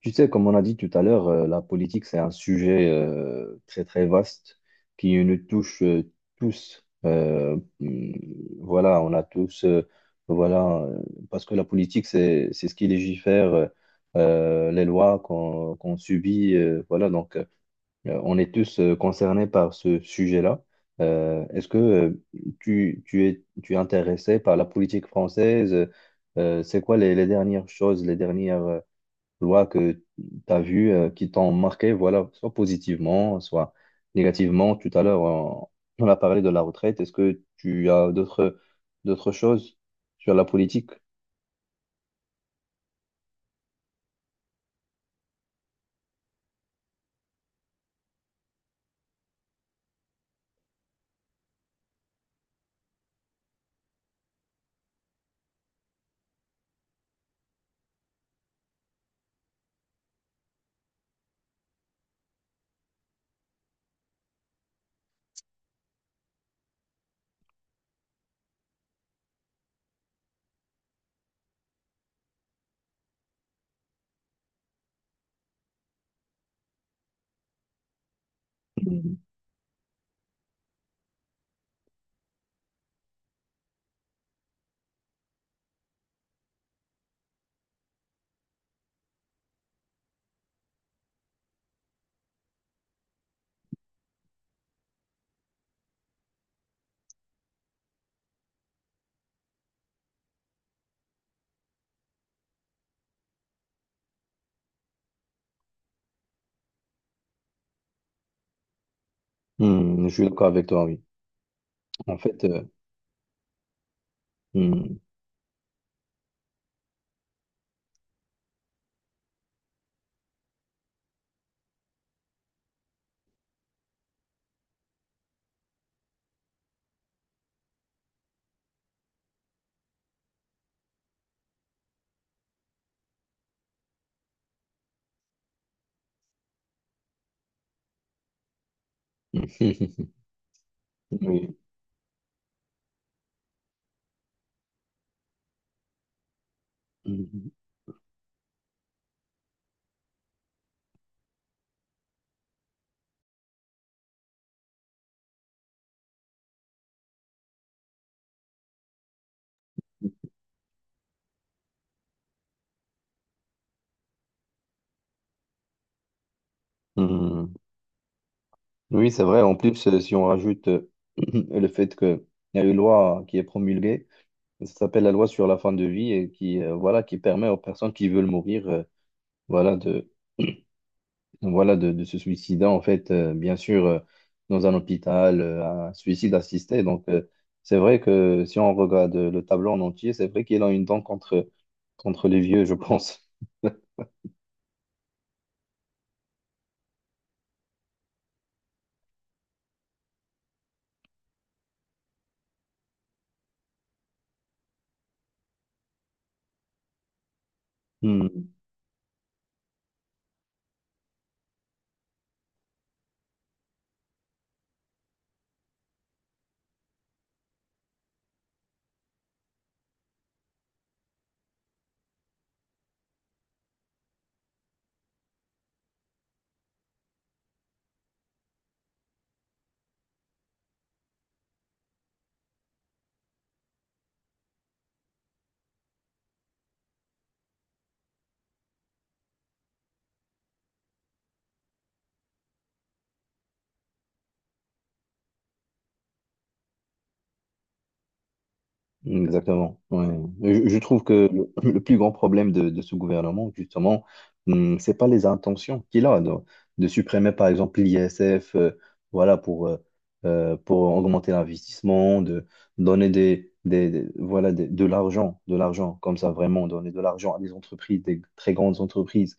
Tu sais, comme on a dit tout à l'heure, la politique, c'est un sujet très, très vaste qui nous touche tous. Voilà, on a tous, voilà, parce que la politique, c'est ce qui légifère les lois qu'on subit. Voilà, donc, on est tous concernés par ce sujet-là. Est-ce que tu es intéressé par la politique française? C'est quoi les dernières choses, les dernières lois que tu as vues qui t'ont marqué, voilà, soit positivement, soit négativement. Tout à l'heure, on a parlé de la retraite. Est-ce que tu as d'autres choses sur la politique? Hmm, je suis d'accord avec toi, oui. En fait, hmm, oui. Hmm, hmm. Oui, c'est vrai. En plus, si on rajoute le fait qu'il y a une loi qui est promulguée, ça s'appelle la loi sur la fin de vie et qui, voilà, qui permet aux personnes qui veulent mourir, voilà, voilà, de se suicider, en fait, bien sûr, dans un hôpital, un suicide assisté. Donc, c'est vrai que si on regarde le tableau en entier, c'est vrai qu'il a une dent contre les vieux, je pense. Hmm. Exactement. Ouais. Je trouve que le plus grand problème de ce gouvernement, justement, c'est pas les intentions qu'il a de supprimer, par exemple, l'ISF, voilà, pour augmenter l'investissement, de donner voilà, de l'argent, comme ça, vraiment, donner de l'argent à des entreprises, des très grandes entreprises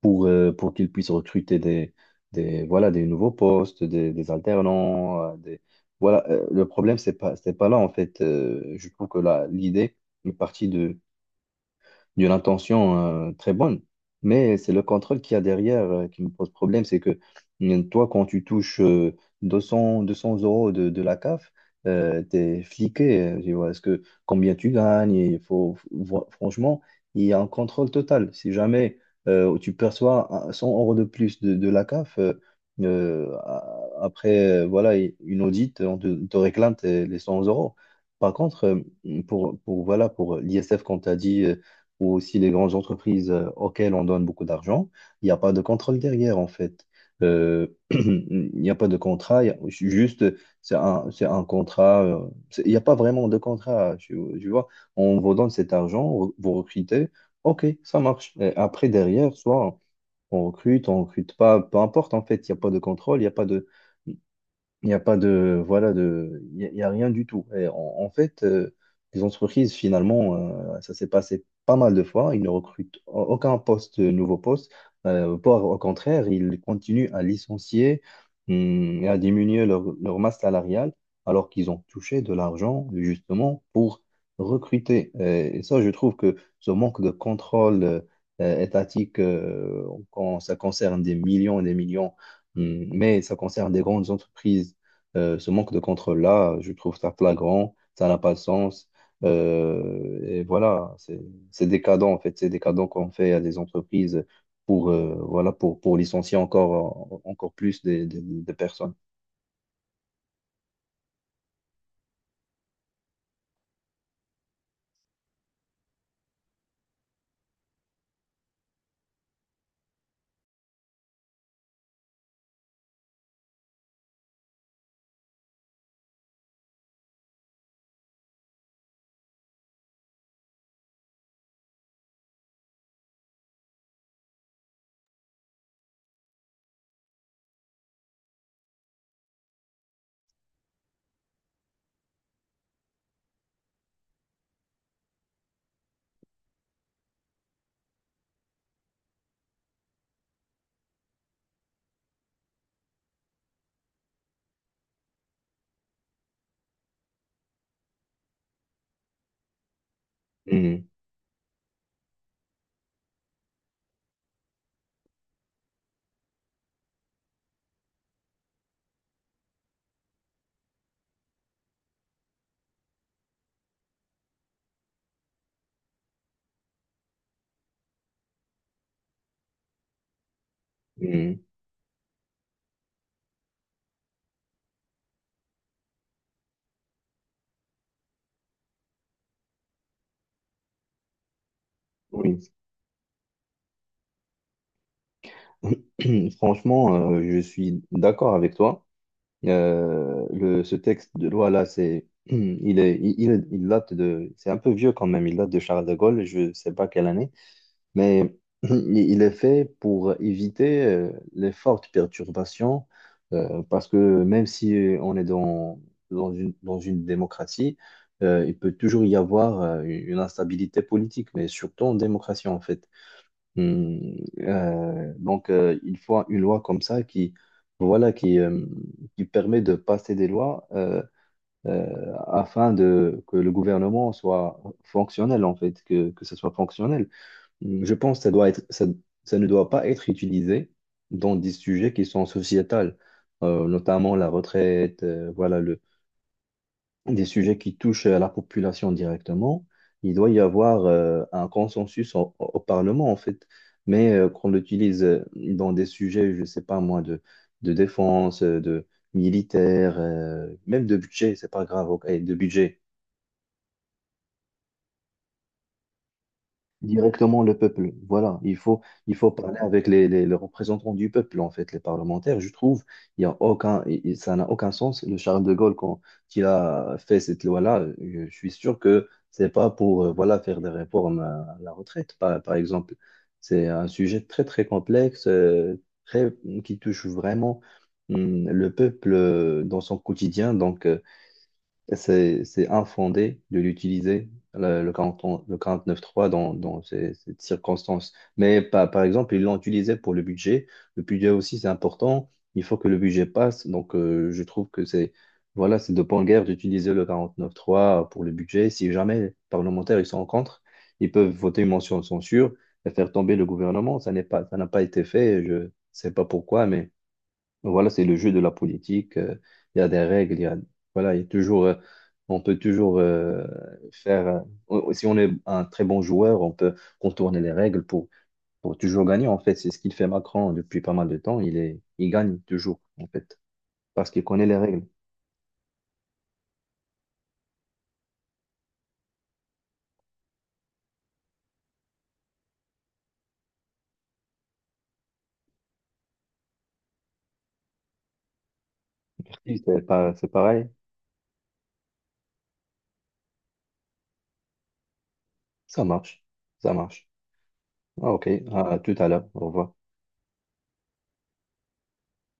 pour qu'ils puissent recruter voilà, des nouveaux postes, des alternants, voilà, le problème, c'est pas là, en fait. Je trouve que là, l'idée est partie d'une intention très bonne, mais c'est le contrôle qu'il y a derrière qui me pose problème. C'est que toi, quand tu touches 200, 200 € de la CAF, t'es fliqué. Tu vois, est-ce que combien tu gagnes? Il faut, franchement, il y a un contrôle total. Si jamais tu perçois 100 € de plus de la CAF, après, voilà, une audite, on te réclame les 100 euros. Par contre, pour, voilà, pour l'ISF, quand tu as dit, ou aussi les grandes entreprises auxquelles on donne beaucoup d'argent, il n'y a pas de contrôle derrière, en fait. Il n'y a pas de contrat, juste, c'est un contrat, il n'y a pas vraiment de contrat, tu vois. On vous donne cet argent, vous recrutez, ok, ça marche. Et après, derrière, soit on recrute pas, peu importe, en fait, il n'y a pas de contrôle, il n'y a pas de. Il n'y a pas de, voilà, il y a rien du tout. Et en fait, les entreprises, finalement, ça s'est passé pas mal de fois. Ils ne recrutent aucun poste, nouveau poste. Voire au contraire, ils continuent à licencier, et à diminuer leur masse salariale, alors qu'ils ont touché de l'argent, justement, pour recruter. Et ça, je trouve que ce manque de contrôle, étatique, quand ça concerne des millions et des millions, mais ça concerne des grandes entreprises ce manque de contrôle-là, je trouve ça flagrant, ça n'a pas de sens. Et voilà, c'est décadent en fait, c'est décadent qu'on fait à des entreprises pour, voilà, pour licencier encore, encore plus des personnes. Mhm. Mhm. Oui. Franchement, je suis d'accord avec toi. Ce texte de loi là, c'est, il est, il date de, c'est un peu vieux quand même. Il date de Charles de Gaulle. Je sais pas quelle année. Mais il est fait pour éviter les fortes perturbations, parce que même si on est dans une démocratie, il peut toujours y avoir une instabilité politique, mais surtout en démocratie en fait. Donc il faut une loi comme ça qui, voilà, qui permet de passer des lois afin de, que le gouvernement soit fonctionnel en fait, que ce soit fonctionnel. Je pense que ça ne doit pas être utilisé dans des sujets qui sont sociétals, notamment la retraite, voilà, des sujets qui touchent à la population directement. Il doit y avoir un consensus au Parlement, en fait. Mais qu'on l'utilise dans des sujets, je ne sais pas moi, de défense, de militaire, même de budget, c'est pas grave, ok, de budget. Directement le peuple. Voilà, il faut parler avec les représentants du peuple, en fait, les parlementaires. Je trouve, il y a aucun, ça n'a aucun sens. Le Charles de Gaulle, quand il a fait cette loi-là, je suis sûr que c'est pas pour, voilà, faire des réformes à la retraite, par exemple. C'est un sujet très, très complexe, très, qui touche vraiment, le peuple dans son quotidien. Donc, et c'est infondé de l'utiliser, le, le quarante le 49.3 dans ces circonstances. Mais par exemple, ils l'ont utilisé pour le budget. Le budget aussi, c'est important. Il faut que le budget passe. Donc, je trouve que c'est voilà, c'est de bonne guerre d'utiliser le 49.3 pour le budget. Si jamais les parlementaires ils sont en contre, ils peuvent voter une motion de censure et faire tomber le gouvernement. Ça n'a pas été fait. Je ne sais pas pourquoi, mais donc voilà, c'est le jeu de la politique. Il y a des règles. Voilà, il y a toujours, on peut toujours faire. Si on est un très bon joueur, on peut contourner les règles pour, toujours gagner. En fait, c'est ce qu'il fait Macron depuis pas mal de temps. Il gagne toujours, en fait, parce qu'il connaît les règles. Si C'est pas- C'est pareil. Ça marche. Ça marche. Ah, ok. À tout à l'heure. Au revoir.